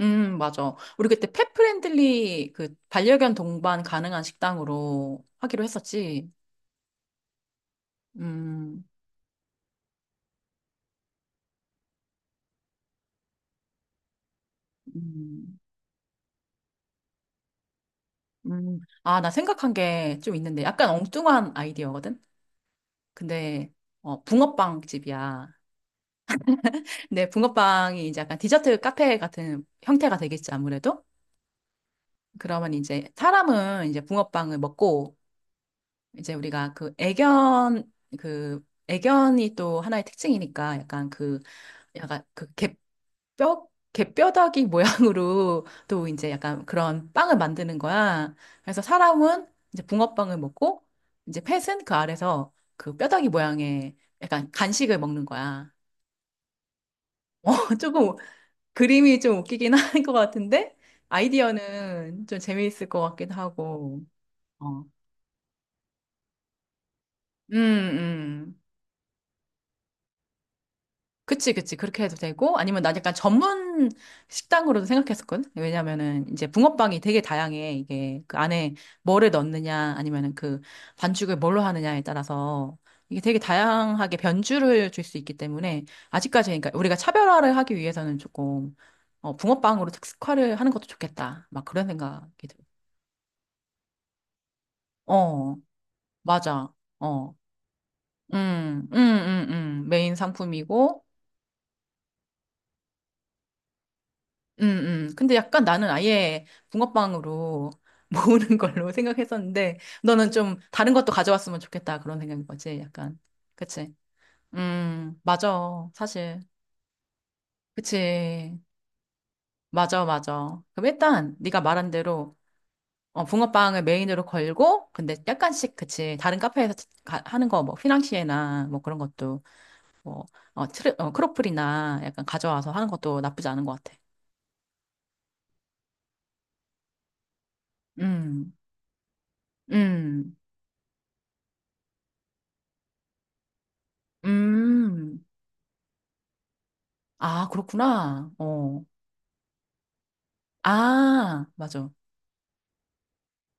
맞아. 우리 그때 펫 프렌들리 그 반려견 동반 가능한 식당으로 하기로 했었지. 음, 음, 아, 나 생각한 게 좀 있는데 약간 엉뚱한 아이디어거든? 근데, 붕어빵 집이야. 근데 붕어빵이 이제 약간 디저트 카페 같은 형태가 되겠지, 아무래도? 그러면 이제 사람은 이제 붕어빵을 먹고 이제 우리가 그 애견이 또 하나의 특징이니까 약간 그, 약간 그 개, 뼈, 개뼈다귀 모양으로 또 이제 약간 그런 빵을 만드는 거야. 그래서 사람은 이제 붕어빵을 먹고 이제 펫은 그 아래서 그 뼈다귀 모양의 약간 간식을 먹는 거야. 조금 그림이 좀 웃기긴 한 것 같은데 아이디어는 좀 재미있을 것 같기도 하고. 어. 음, 음. 그치, 그치. 그렇게 해도 되고, 아니면 난 약간 전문 식당으로도 생각했었거든? 왜냐면은 이제 붕어빵이 되게 다양해. 이게 그 안에 뭐를 넣느냐, 아니면은 그 반죽을 뭘로 하느냐에 따라서 이게 되게 다양하게 변주를 줄 수 있기 때문에 아직까지 그러니까 우리가 차별화를 하기 위해서는 조금 붕어빵으로 특색화를 하는 것도 좋겠다. 막 그런 생각이 들어. 어, 맞아. 어. 음, 음, 음, 메인 상품이고, 음, 근데 약간 나는 아예 붕어빵으로 모으는 걸로 생각했었는데, 너는 좀 다른 것도 가져왔으면 좋겠다. 그런 생각인 거지, 약간. 그치? 맞아. 사실. 그치. 맞아, 맞아. 그럼 일단, 네가 말한 대로, 붕어빵을 메인으로 걸고, 근데 약간씩, 그치. 다른 카페에서 하는 거, 뭐, 휘낭시에나, 뭐, 그런 것도, 뭐, 크로플이나 약간 가져와서 하는 것도 나쁘지 않은 것 같아. 음, 음, 음. 아, 그렇구나. 어. 아, 맞아.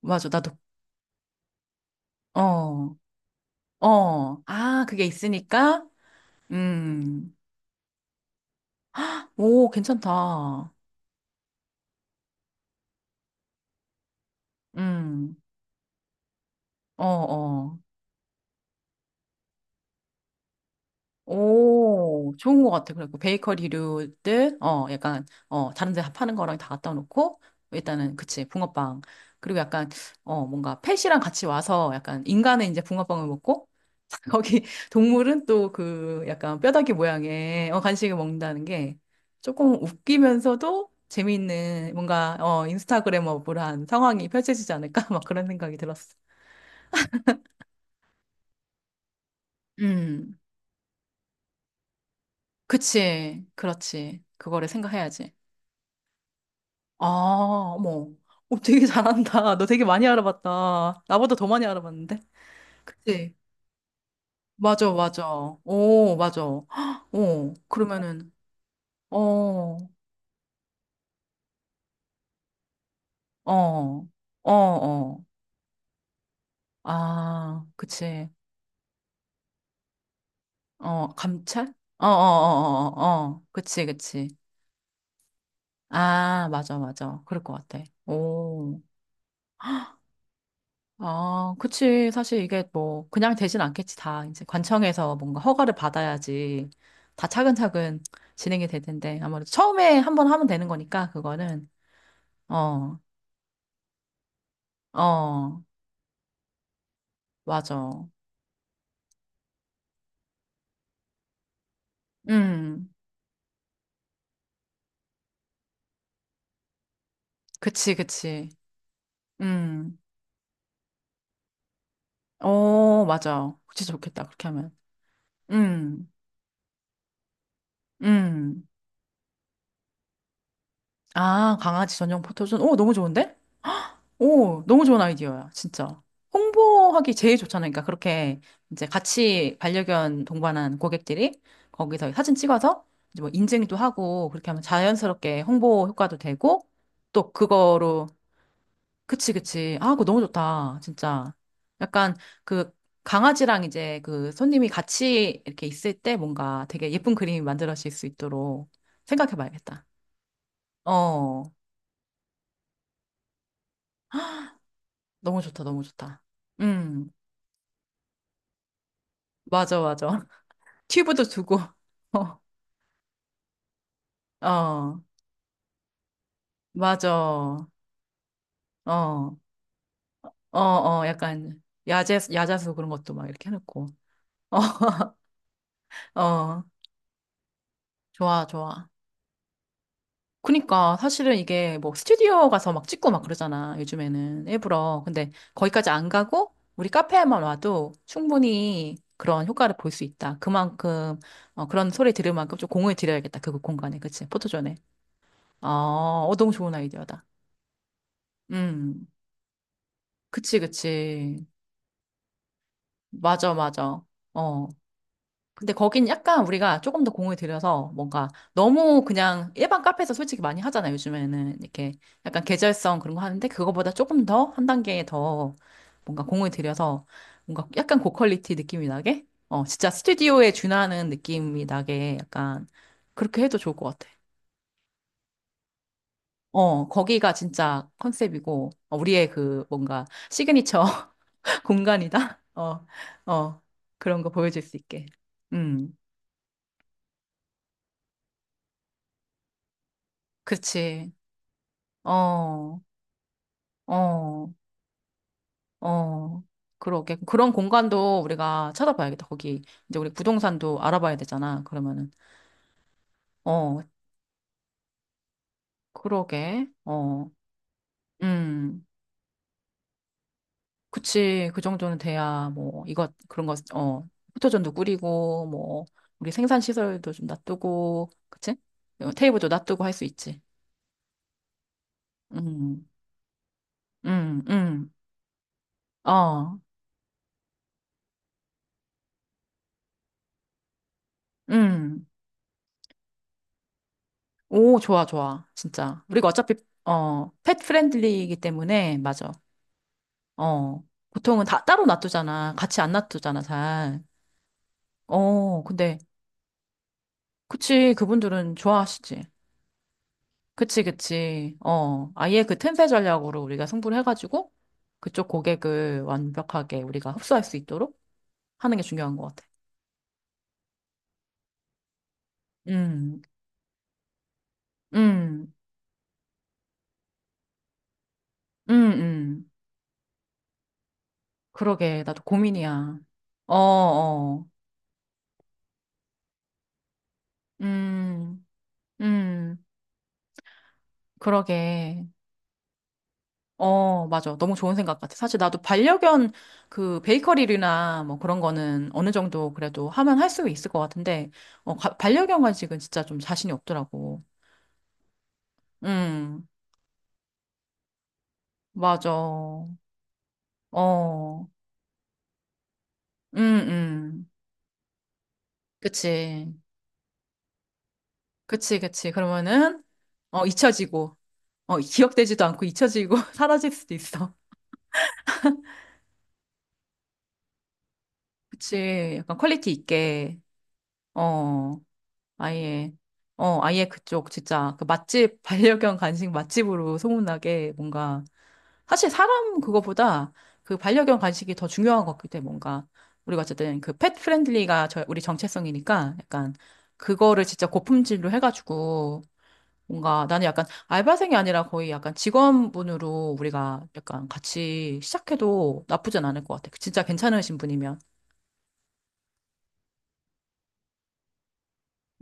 맞아. 나도, 어, 아, 그게 있으니까? 음. 오, 괜찮다. 음. 어, 어. 오, 좋은 것 같아. 그래갖고 베이커리류들, 약간, 다른 데 파는 거랑 다 갖다 놓고, 일단은, 그치, 붕어빵. 그리고 약간, 뭔가 펫이랑 같이 와서 약간 인간은 이제 붕어빵을 먹고, 거기 동물은 또 그 약간 뼈다귀 모양의 간식을 먹는다는 게 조금 웃기면서도 재미있는 뭔가, 인스타그램어블한 상황이 펼쳐지지 않을까? 막 그런 생각이 들었어. 음, 그치, 그렇지. 그거를 생각해야지. 아, 어머. 되게 잘한다. 너 되게 많이 알아봤다. 나보다 더 많이 알아봤는데? 그치? 맞아, 맞아. 오, 맞아. 헉, 오, 그러면은, 어, 어, 어, 어. 아, 그치. 감찰? 어, 어, 어, 어, 어. 어. 그치, 그치. 아, 맞아, 맞아. 그럴 것 같아. 오. 아, 그치. 사실 이게 뭐, 그냥 되진 않겠지. 다 이제 관청에서 뭔가 허가를 받아야지 다 차근차근 진행이 될 텐데. 아무래도 처음에 한 번 하면 되는 거니까, 그거는. 어, 어, 맞아. 음, 그치, 그치. 음, 맞아. 그치, 좋겠다. 그렇게 하면. 음, 음. 아, 강아지 전용 포토존. 오, 너무 좋은데? 오, 너무 좋은 아이디어야, 진짜. 홍보하기 제일 좋잖아요. 그러니까 그렇게 이제 같이 반려견 동반한 고객들이 거기서 사진 찍어서 이제 뭐 인증도 하고 그렇게 하면 자연스럽게 홍보 효과도 되고 또 그거로 그치, 그치. 아, 그거 너무 좋다, 진짜. 약간 그 강아지랑 이제 그 손님이 같이 이렇게 있을 때 뭔가 되게 예쁜 그림이 만들어질 수 있도록 생각해 봐야겠다. 어, 너무 좋다, 너무 좋다. 음, 맞아, 맞아. 튜브도 두고, 어, 어, 맞아. 어, 약간, 야자수 그런 것도 막 이렇게 해놓고. 어, 어, 좋아, 좋아. 그니까, 사실은 이게 뭐 스튜디오 가서 막 찍고 막 그러잖아, 요즘에는. 일부러. 근데 거기까지 안 가고, 우리 카페에만 와도 충분히 그런 효과를 볼 수 있다. 그만큼, 그런 소리 들을 만큼 좀 공을 들여야겠다. 그 공간에. 그치? 포토존에. 어, 너무 좋은 아이디어다. 음, 그치, 그치. 맞아, 맞아. 어. 근데 거긴 약간 우리가 조금 더 공을 들여서 뭔가 너무 그냥 일반 카페에서 솔직히 많이 하잖아, 요즘에는. 이렇게 약간 계절성 그런 거 하는데 그거보다 조금 더 한 단계 더 뭔가 공을 들여서 뭔가 약간 고퀄리티 느낌이 나게? 진짜 스튜디오에 준하는 느낌이 나게 약간 그렇게 해도 좋을 것 같아. 거기가 진짜 컨셉이고, 우리의 그 뭔가 시그니처 공간이다? 어, 어, 그런 거 보여줄 수 있게. 음. 그치. 어, 어, 어. 그러게. 그런 공간도 우리가 찾아봐야겠다. 거기, 이제 우리 부동산도 알아봐야 되잖아. 그러면은. 어, 그러게. 어, 음. 그치. 그 정도는 돼야, 뭐, 이것, 그런 거, 포토존도 꾸리고, 뭐, 우리 생산시설도 좀 놔두고, 그치? 테이블도 놔두고 할 수 있지. 음, 음, 음. 어, 음. 오, 좋아, 좋아. 진짜. 우리가 어차피, 펫 프렌들리이기 때문에, 맞아. 어, 보통은 다 따로 놔두잖아. 같이 안 놔두잖아, 잘. 근데, 그치, 그분들은 좋아하시지. 그치, 그치. 아예 그 틈새 전략으로 우리가 승부를 해가지고, 그쪽 고객을 완벽하게 우리가 흡수할 수 있도록 하는 게 중요한 것 같아. 음, 음, 음, 음. 그러게, 나도 고민이야. 어, 어. 음, 음. 그러게. 맞아. 너무 좋은 생각 같아. 사실 나도 반려견 그 베이커리나 뭐 그런 거는 어느 정도 그래도 하면 할 수 있을 것 같은데, 반려견 간식은 진짜 좀 자신이 없더라고. 음, 맞아. 어, 음, 음. 그치. 그치, 그치. 그러면은, 잊혀지고, 기억되지도 않고 잊혀지고 사라질 수도 있어. 그치. 약간 퀄리티 있게. 어. 아예, 아예 그쪽, 진짜, 그 맛집, 반려견 간식 맛집으로 소문나게 뭔가, 사실 사람 그거보다 그 반려견 간식이 더 중요한 것 같기 때문에 뭔가, 우리가 어쨌든 그 펫 프렌들리가 우리 정체성이니까 약간 그거를 진짜 고품질로 해가지고 뭔가 나는 약간 알바생이 아니라 거의 약간 직원분으로 우리가 약간 같이 시작해도 나쁘진 않을 것 같아. 그 진짜 괜찮으신 분이면.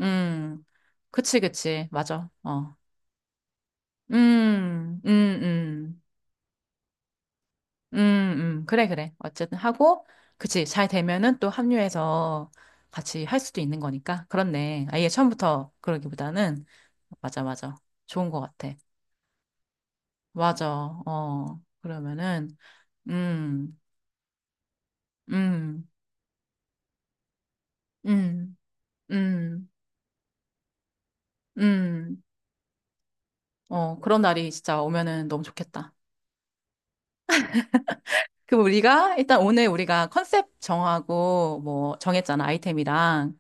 음, 그치, 그치. 맞아. 어. 음, 음, 음. 그래, 그래. 어쨌든 하고, 그치. 잘 되면은 또 합류해서 같이 할 수도 있는 거니까. 그렇네. 아예 처음부터 그러기보다는. 맞아, 맞아. 좋은 것 같아. 맞아. 그러면은, 음, 음, 음, 음, 음. 그런 날이 진짜 오면은 너무 좋겠다. 그럼 우리가, 일단 오늘 우리가 컨셉 정하고, 뭐, 정했잖아, 아이템이랑.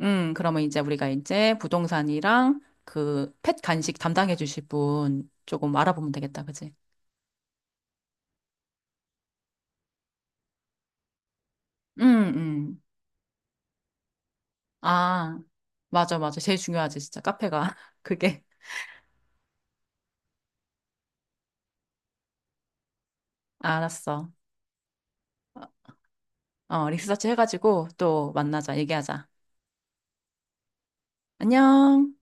그러면 이제 우리가 이제 부동산이랑 그 펫 간식 담당해 주실 분 조금 알아보면 되겠다, 그지? 음, 음. 아, 맞아, 맞아. 제일 중요하지, 진짜. 카페가. 그게. 알았어. 리서치 해가지고 또 만나자, 얘기하자. 안녕.